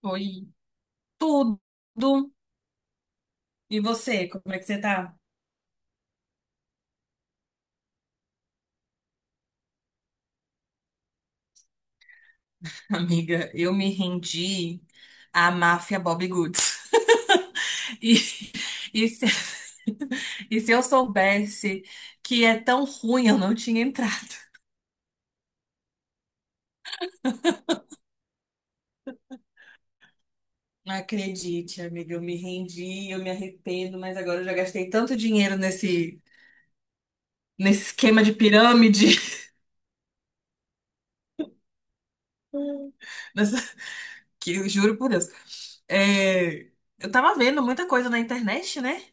Foi tudo. E você, como é que você tá? Amiga, eu me rendi à máfia Bobby Goods. E, e se, E se eu soubesse que é tão ruim, eu não tinha entrado. Não acredite, amiga, eu me rendi, eu me arrependo, mas agora eu já gastei tanto dinheiro nesse esquema de pirâmide. nessa- que eu juro por Deus. É, eu tava vendo muita coisa na internet, né?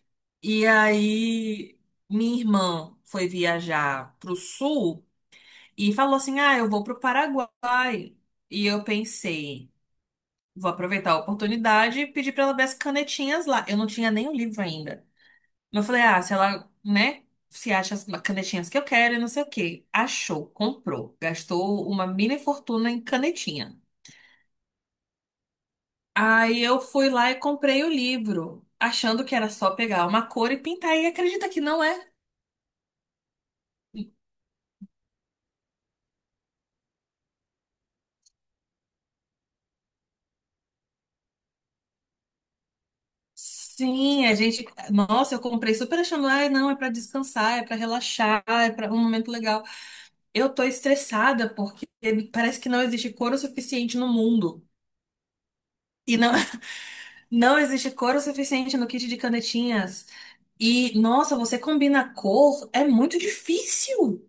E aí minha irmã foi viajar pro sul e falou assim: ah, eu vou pro Paraguai. E eu pensei, vou aproveitar a oportunidade e pedir pra ela ver as canetinhas lá. Eu não tinha nem o livro ainda. Eu falei, ah, se ela, né? Se acha as canetinhas que eu quero e não sei o quê. Achou, comprou. Gastou uma mini fortuna em canetinha. Aí eu fui lá e comprei o livro, achando que era só pegar uma cor e pintar. E acredita que não é? Sim, a gente. Nossa, eu comprei super achando, ah, não, é pra descansar, é pra relaxar, é pra um momento legal. Eu tô estressada porque parece que não existe cor o suficiente no mundo. E não, não existe cor o suficiente no kit de canetinhas. E, nossa, você combina cor, é muito difícil.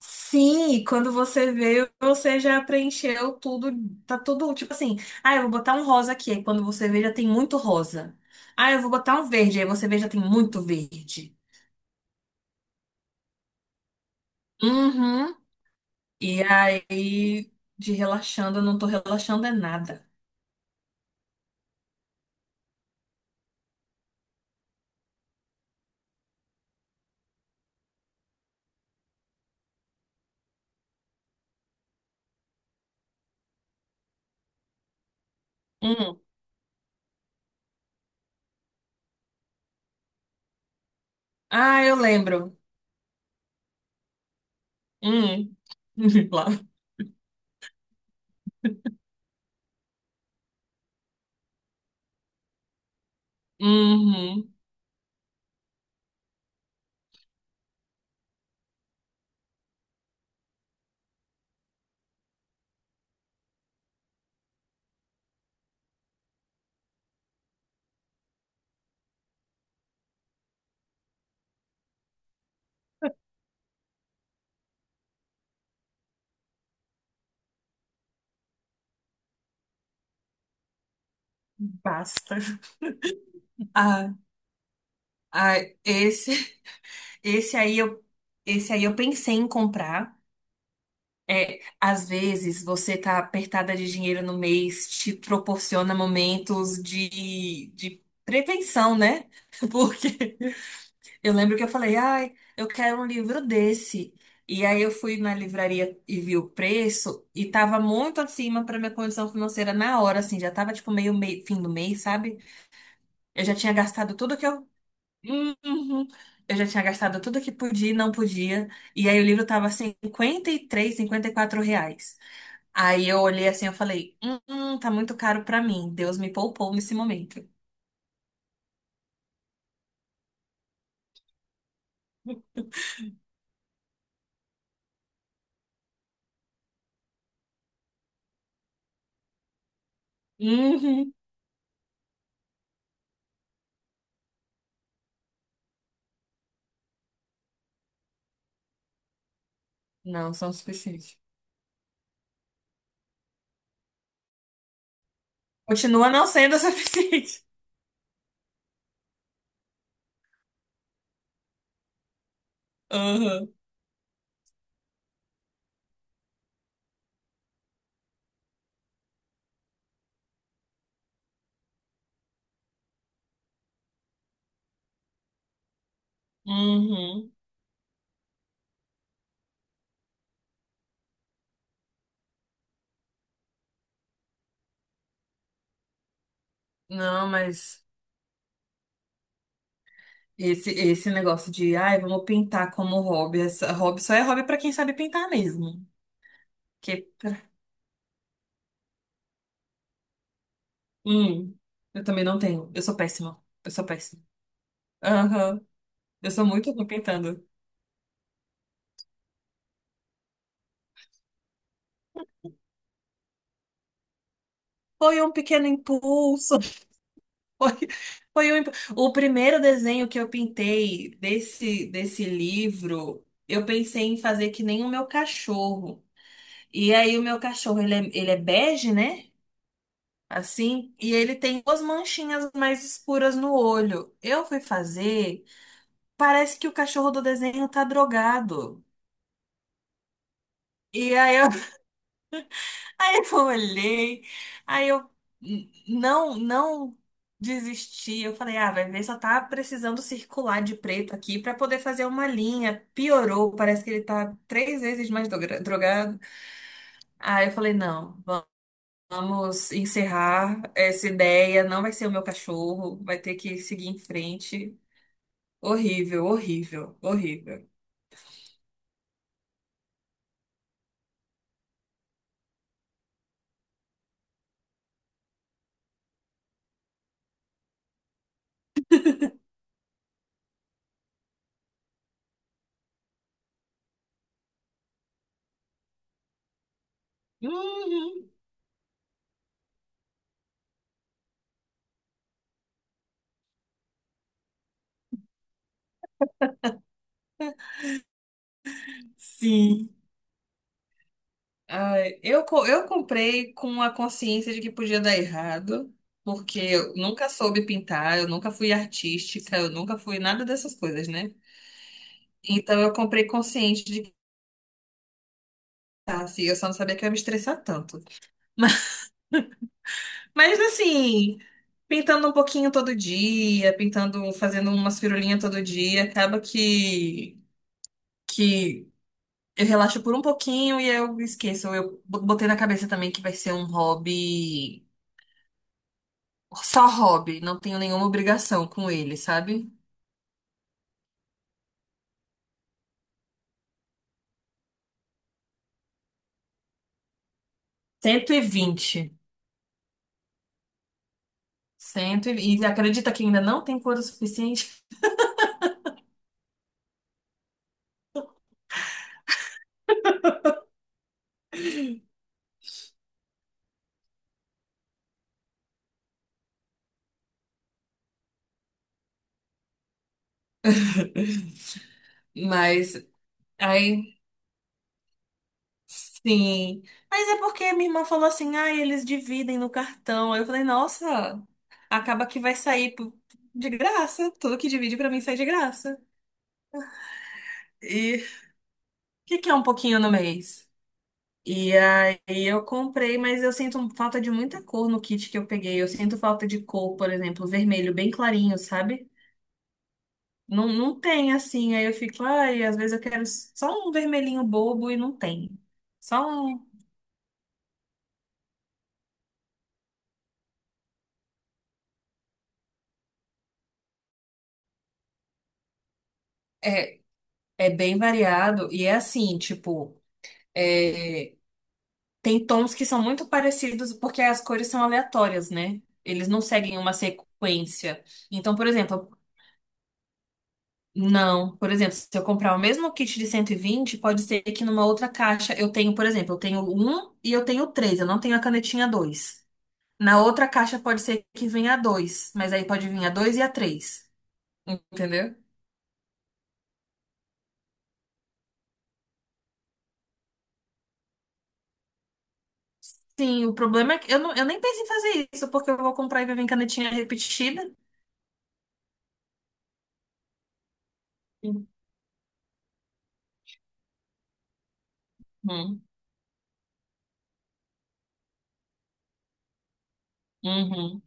Sim, e quando você vê, você já preencheu tudo, tá tudo tipo assim, ah, eu vou botar um rosa aqui, aí quando você vê já tem muito rosa. Ah, eu vou botar um verde, aí você vê já tem muito verde. Uhum. E aí, de relaxando, eu não tô relaxando é nada. Hum. Ah, eu lembro. Hum. Lá. Uhum. Basta. Ah, ah, esse, esse aí eu, esse aí eu pensei em comprar. É, às vezes você tá apertada de dinheiro no mês, te proporciona momentos de prevenção, né? Porque eu lembro que eu falei, ai, eu quero um livro desse. E aí eu fui na livraria e vi o preço e tava muito acima para minha condição financeira na hora, assim, já tava tipo meio, fim do mês, sabe? Eu já tinha gastado tudo que eu. Uhum. Eu já tinha gastado tudo que podia e não podia. E aí o livro tava 53 R$ 54. Aí eu olhei assim, eu falei, tá muito caro pra mim. Deus me poupou nesse momento. Uhum. Não, são suficientes. Continua não sendo o suficiente. Uhum. Uhum. Não, mas esse negócio de, ai, vamos pintar como hobby. Hobby só é hobby pra quem sabe pintar mesmo. Que pra- hum, eu também não tenho. Eu sou péssima. Eu sou péssima. Aham. Eu sou muito ruim pintando. Foi um pequeno impulso. Foi, foi o primeiro desenho que eu pintei desse livro. Eu pensei em fazer que nem o meu cachorro. E aí, o meu cachorro, ele é bege, né? Assim, e ele tem duas manchinhas mais escuras no olho. Eu fui fazer, parece que o cachorro do desenho tá drogado. E aí, eu Aí eu olhei, aí eu não, não desisti. Eu falei, ah, vai ver, só tá precisando circular de preto aqui pra poder fazer uma linha. Piorou, parece que ele tá três vezes mais drogado. Aí eu falei, não, vamos encerrar essa ideia, não vai ser o meu cachorro, vai ter que seguir em frente. Horrível, horrível, horrível. Uhum. Sim. Ai, eu comprei com a consciência de que podia dar errado, porque eu nunca soube pintar, eu nunca fui artística, eu nunca fui nada dessas coisas, né? Então eu comprei consciente de que tá, assim, eu só não sabia que eu ia me estressar tanto. Mas, mas assim, pintando um pouquinho todo dia, pintando, fazendo umas firulinhas todo dia, acaba que eu relaxo por um pouquinho e eu esqueço. Eu botei na cabeça também que vai ser um hobby. Só hobby, não tenho nenhuma obrigação com ele, sabe? 120. Cento e vinte. E acredita que ainda não tem couro suficiente? Mas aí sim. Mas é porque minha irmã falou assim: ah, eles dividem no cartão. Aí eu falei, nossa, acaba que vai sair de graça. Tudo que divide pra mim sai de graça. E o que que é um pouquinho no mês? E aí eu comprei, mas eu sinto falta de muita cor no kit que eu peguei. Eu sinto falta de cor, por exemplo, vermelho bem clarinho, sabe? Não, não tem assim. Aí eu fico, ai, às vezes eu quero só um vermelhinho bobo e não tem. Só um. É, é bem variado e é assim, tipo, é, tem tons que são muito parecidos porque as cores são aleatórias, né? Eles não seguem uma sequência. Então, por exemplo, não, por exemplo, se eu comprar o mesmo kit de 120, pode ser que numa outra caixa eu tenho, por exemplo, eu tenho um e eu tenho três, eu não tenho a canetinha dois. Na outra caixa pode ser que venha a dois, mas aí pode vir a dois e a três. Entendeu? Sim, o problema é que eu, não, eu nem penso em fazer isso, porque eu vou comprar e vai vir canetinha repetida. Uhum. Uhum.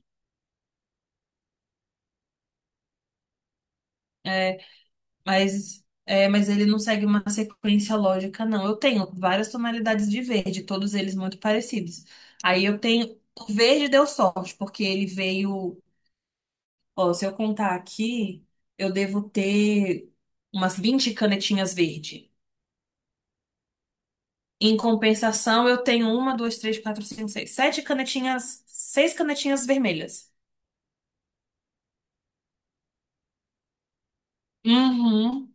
Mas ele não segue uma sequência lógica, não. Eu tenho várias tonalidades de verde, todos eles muito parecidos. Aí eu tenho. O verde deu sorte, porque ele veio. Ó, se eu contar aqui, eu devo ter umas 20 canetinhas verde. Em compensação, eu tenho uma, duas, três, quatro, cinco, seis, sete canetinhas, seis canetinhas vermelhas. Uhum.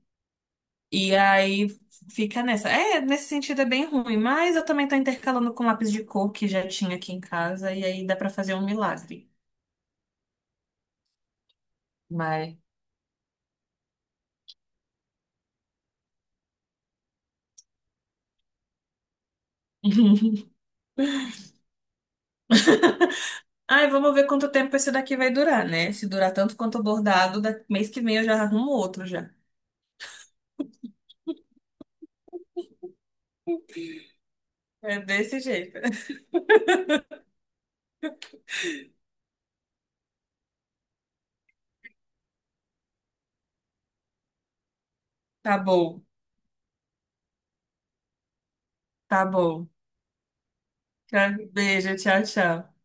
E aí fica nessa. É, nesse sentido é bem ruim, mas eu também tô intercalando com lápis de cor que já tinha aqui em casa e aí dá pra fazer um milagre. Mas. Ai, vamos ver quanto tempo esse daqui vai durar, né? Se durar tanto quanto o bordado, mês que vem eu já arrumo outro já. É desse jeito. Tá bom, tá bom. Tá, beijo, tchau, tchau.